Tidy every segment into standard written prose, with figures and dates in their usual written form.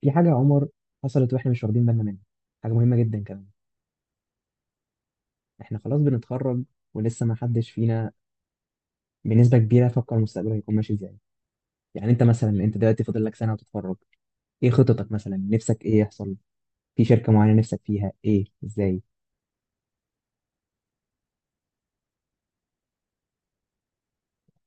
في حاجة يا عمر حصلت واحنا مش واخدين بالنا منها. حاجة مهمة جدا كمان. احنا خلاص بنتخرج ولسه ما حدش فينا بنسبة كبيرة فكر مستقبله هيكون ماشي ازاي. يعني انت مثلا، انت دلوقتي فاضل لك سنة وتتخرج، ايه خططك؟ مثلا نفسك ايه يحصل؟ في شركة معينة نفسك فيها؟ ايه ازاي؟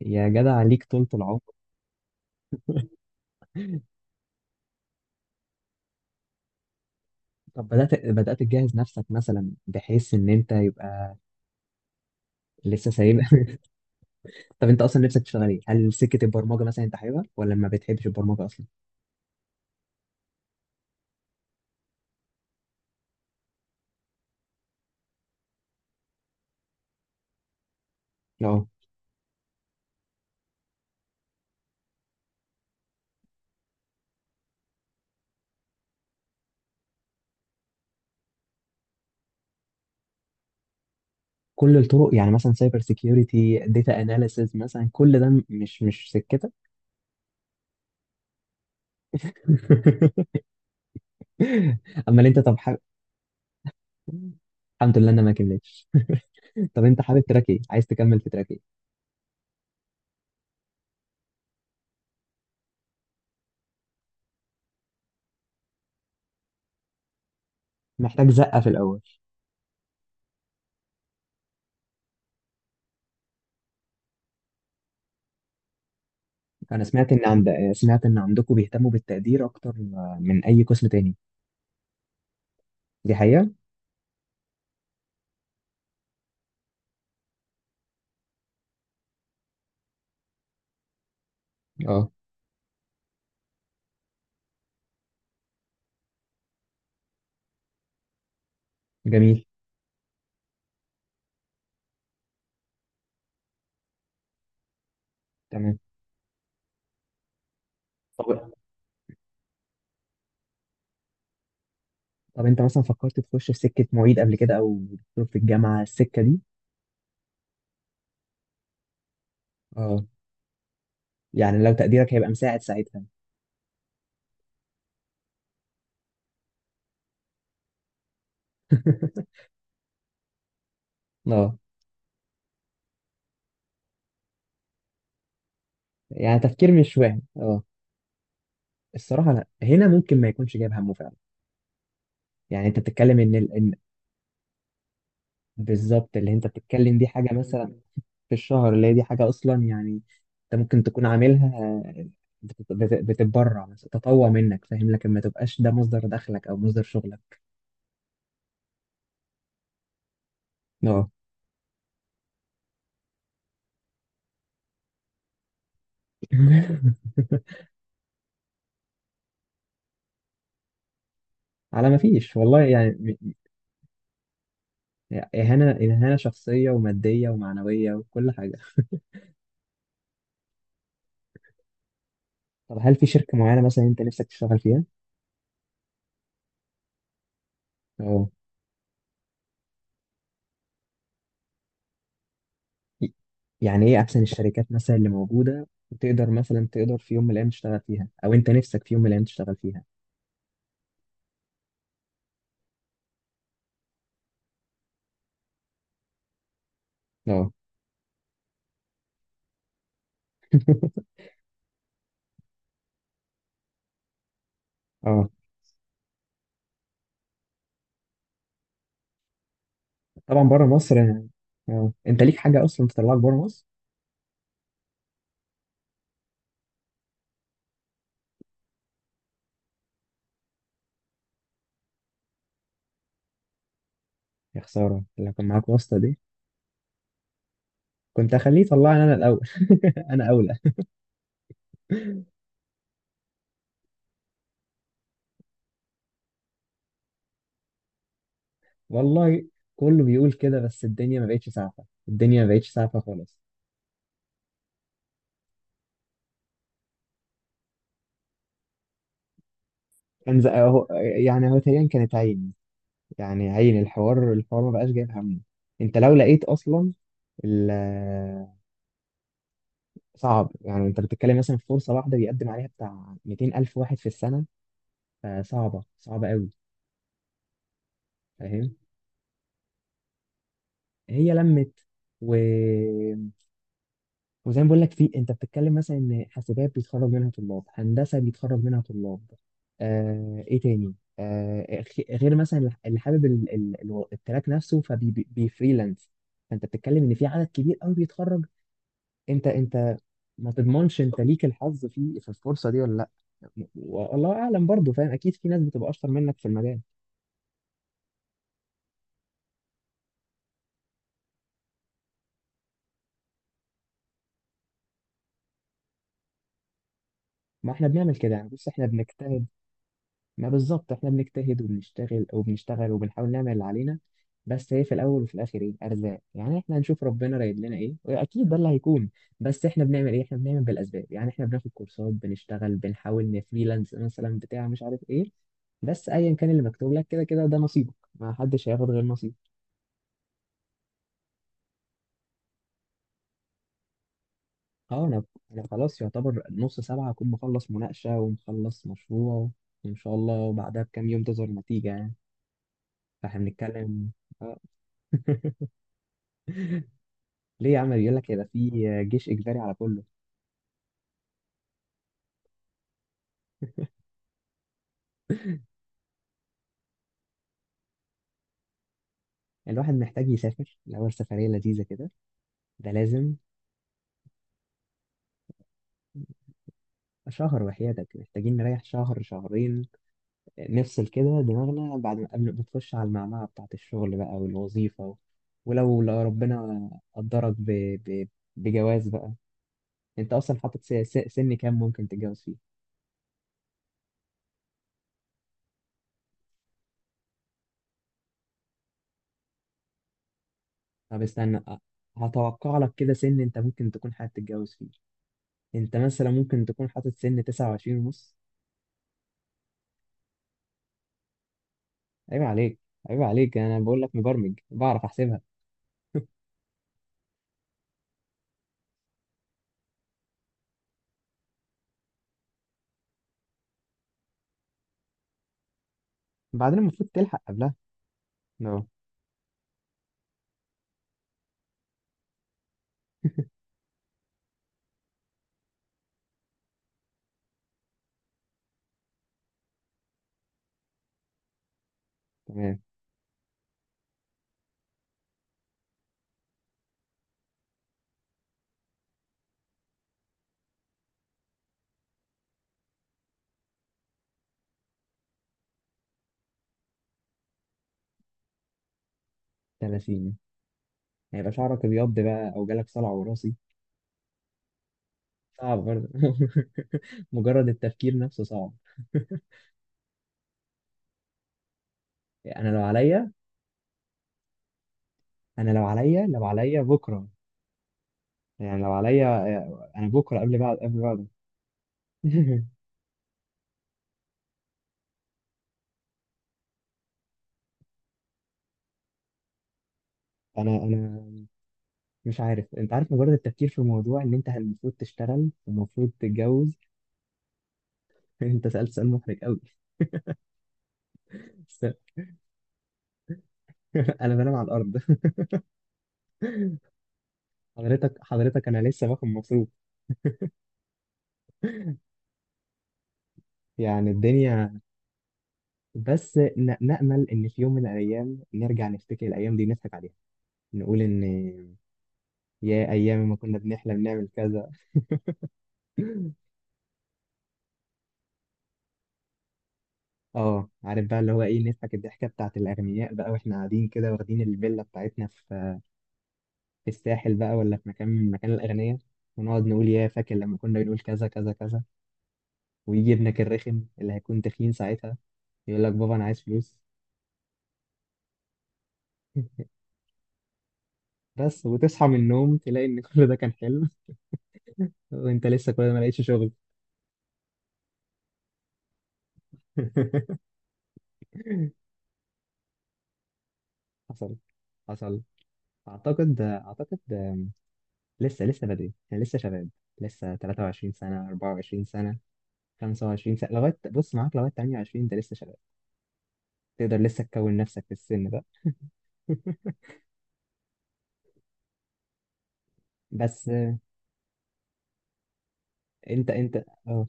يا جدع عليك طولة العمر. طب بدأت تجهز نفسك مثلا بحيث ان انت يبقى لسه سايب؟ طب انت اصلا نفسك تشتغل ايه؟ هل سكة البرمجة مثلا انت حاببها ولا ما بتحبش البرمجة اصلا؟ لا. كل الطرق يعني مثلا سايبر سيكيورتي، داتا اناليسز، مثلا كل ده مش سكتك. امال انت طب حابب؟ الحمد لله انا ما كملتش. طب انت حابب تراك ايه؟ عايز تكمل في تراك ايه؟ محتاج زقه في الاول. انا سمعت ان عند، سمعت ان عندكم بيهتموا بالتقدير اكتر من اي قسم تاني، دي حقيقه؟ اه جميل، تمام. طب انت مثلا فكرت تخش في سكه معيد قبل كده، او دكتور في الجامعه، السكه دي؟ اه، يعني لو تقديرك هيبقى مساعد ساعتها. اه، يعني تفكير مش واهم. اه، الصراحه لا، هنا ممكن ما يكونش جايب همه فعلا. يعني انت بتتكلم ان ال... إن... بالظبط، اللي انت بتتكلم دي حاجه مثلا في الشهر، اللي هي دي حاجه اصلا يعني انت ممكن تكون عاملها، بتتبرع مثلا، تطوع منك، فاهم؟ لكن ما تبقاش ده مصدر دخلك او مصدر شغلك. اه. على ما فيش والله، يعني اهانه، اهانه شخصيه وماديه ومعنويه وكل حاجه. طب هل في شركه معينه مثلا انت نفسك تشتغل فيها؟ آه. يعني ايه احسن الشركات مثلا اللي موجوده وتقدر مثلا، تقدر في يوم من الايام تشتغل فيها، او انت نفسك في يوم من الايام تشتغل فيها؟ اه. اه طبعا بره مصر. اه، انت ليك حاجه اصلا تطلعك بره مصر؟ يا خساره لو كان معاك واسطه دي، كنت اخليه يطلعني انا الاول. انا اولى. والله كله بيقول كده، بس الدنيا ما بقتش سعفه، الدنيا ما بقتش سعفه خالص. كان اهو. يعني هو تقريبا كانت عين، يعني عين الحوار، الحوار ما بقاش جايب همه. انت لو لقيت اصلا، صعب. يعني انت بتتكلم مثلا في فرصه واحده بيقدم عليها بتاع 200 الف واحد في السنه، فصعبه، صعبه قوي. فاهم. هي لمت و... وزي ما بقول لك، في انت بتتكلم مثلا ان حاسبات بيتخرج منها طلاب، هندسه بيتخرج منها طلاب، آه... ايه تاني، آه... غير مثلا اللي حابب التراك نفسه فبيفريلانس. فانت بتتكلم ان في عدد كبير قوي بيتخرج. انت ما تضمنش انت ليك الحظ في في الفرصه دي ولا لا. والله اعلم برضه، فاهم؟ اكيد في ناس بتبقى اشطر منك في المجال. ما احنا بنعمل كده يعني، بص احنا بنجتهد. ما بالظبط، احنا بنجتهد وبنشتغل وبنشتغل وبنحاول نعمل اللي علينا. بس هي في الاول وفي الاخر ايه، ارزاق. يعني احنا هنشوف ربنا رايد لنا ايه، واكيد ده اللي هيكون. بس احنا بنعمل ايه؟ احنا بنعمل بالاسباب يعني، احنا بناخد كورسات، بنشتغل، بنحاول نفريلانس مثلا، بتاع مش عارف ايه. بس ايا كان اللي مكتوب لك كده كده ده نصيبك، ما حدش هياخد غير نصيبه. اه. انا، خلاص يعتبر نص سبعة اكون مخلص مناقشة ومخلص مشروع، وان شاء الله بعدها بكام يوم تظهر نتيجة يعني. فاحنا بنتكلم. ليه يا عم؟ بيقول لك ده في جيش اجباري على كله. الواحد محتاج يسافر الاول سفرية لذيذة كده. ده لازم. شهر، وحياتك محتاجين نريح شهر شهرين، نفصل كده دماغنا بعد ما، قبل ما تخش على المعمعة بتاعة الشغل بقى والوظيفة. ولو لو ربنا قدرك ب... ب... بجواز بقى، انت اصلا حاطط سن كام ممكن تتجوز فيه؟ طب استنى، هتوقع لك كده سن انت ممكن تكون حابب تتجوز فيه. انت مثلا ممكن تكون حاطط سن 29 ونص؟ عيب عليك، عيب عليك، انا بقول لك مبرمج بعرف احسبها. بعدين المفروض تلحق قبلها. اه تمام. 30؟ هيبقى شعرك ابيض بقى او جالك صلع وراثي. صعب برضه. مجرد التفكير نفسه صعب. انا لو عليا، انا لو عليا لو عليا بكره. يعني لو عليا، آه، بكره، قبل، بعد، قبل، بعد. انا مش عارف، انت عارف مجرد التفكير في الموضوع ان انت المفروض تشتغل ومفروض تتجوز. انت سألت سؤال محرج قوي. بس. انا بنام على الارض. حضرتك انا لسه باخد مصروف. يعني الدنيا، بس نأمل ان في يوم من الايام نرجع نفتكر الايام دي نضحك عليها، نقول ان يا ايام ما كنا بنحلم نعمل كذا. اه، عارف بقى، اللي هو ايه، نضحك الضحكه بتاعت الاغنياء بقى، واحنا قاعدين كده واخدين الفيلا بتاعتنا في في الساحل بقى، ولا في مكان من مكان الاغنياء، ونقعد نقول يا فاكر لما كنا بنقول كذا كذا كذا. ويجي ابنك الرخم اللي هيكون تخين ساعتها يقول لك بابا انا عايز فلوس. بس وتصحى من النوم تلاقي ان كل ده كان حلم. وانت لسه كل ده ما لقيتش شغل. حصل، حصل. اعتقد، اعتقد. لسه، لسه بدري، احنا لسه شباب. لسه 23 سنة، 24 سنة، 25 سنة، لغاية بص معاك لغاية 28، انت لسه شباب، تقدر لسه تكون نفسك في السن ده. بس، انت اه،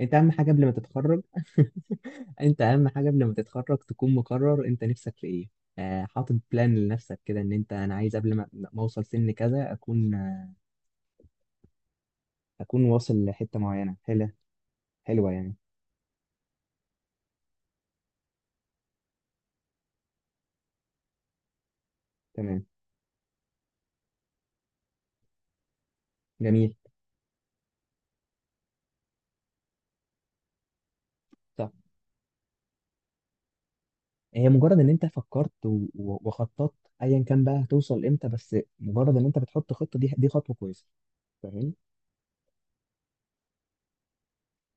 انت اهم حاجه قبل ما تتخرج. انت اهم حاجه قبل ما تتخرج تكون مقرر انت نفسك في ايه، آه، حاطط بلان لنفسك كده ان انت، انا عايز قبل ما اوصل سن كذا اكون، آه، اكون واصل لحته معينه حلوه، حلوه يعني. تمام، جميل. طب هي مجرد ان انت فكرت وخططت، ايا كان بقى هتوصل امتى، بس مجرد ان انت بتحط خطه، دي دي خطوه كويسه. فاهم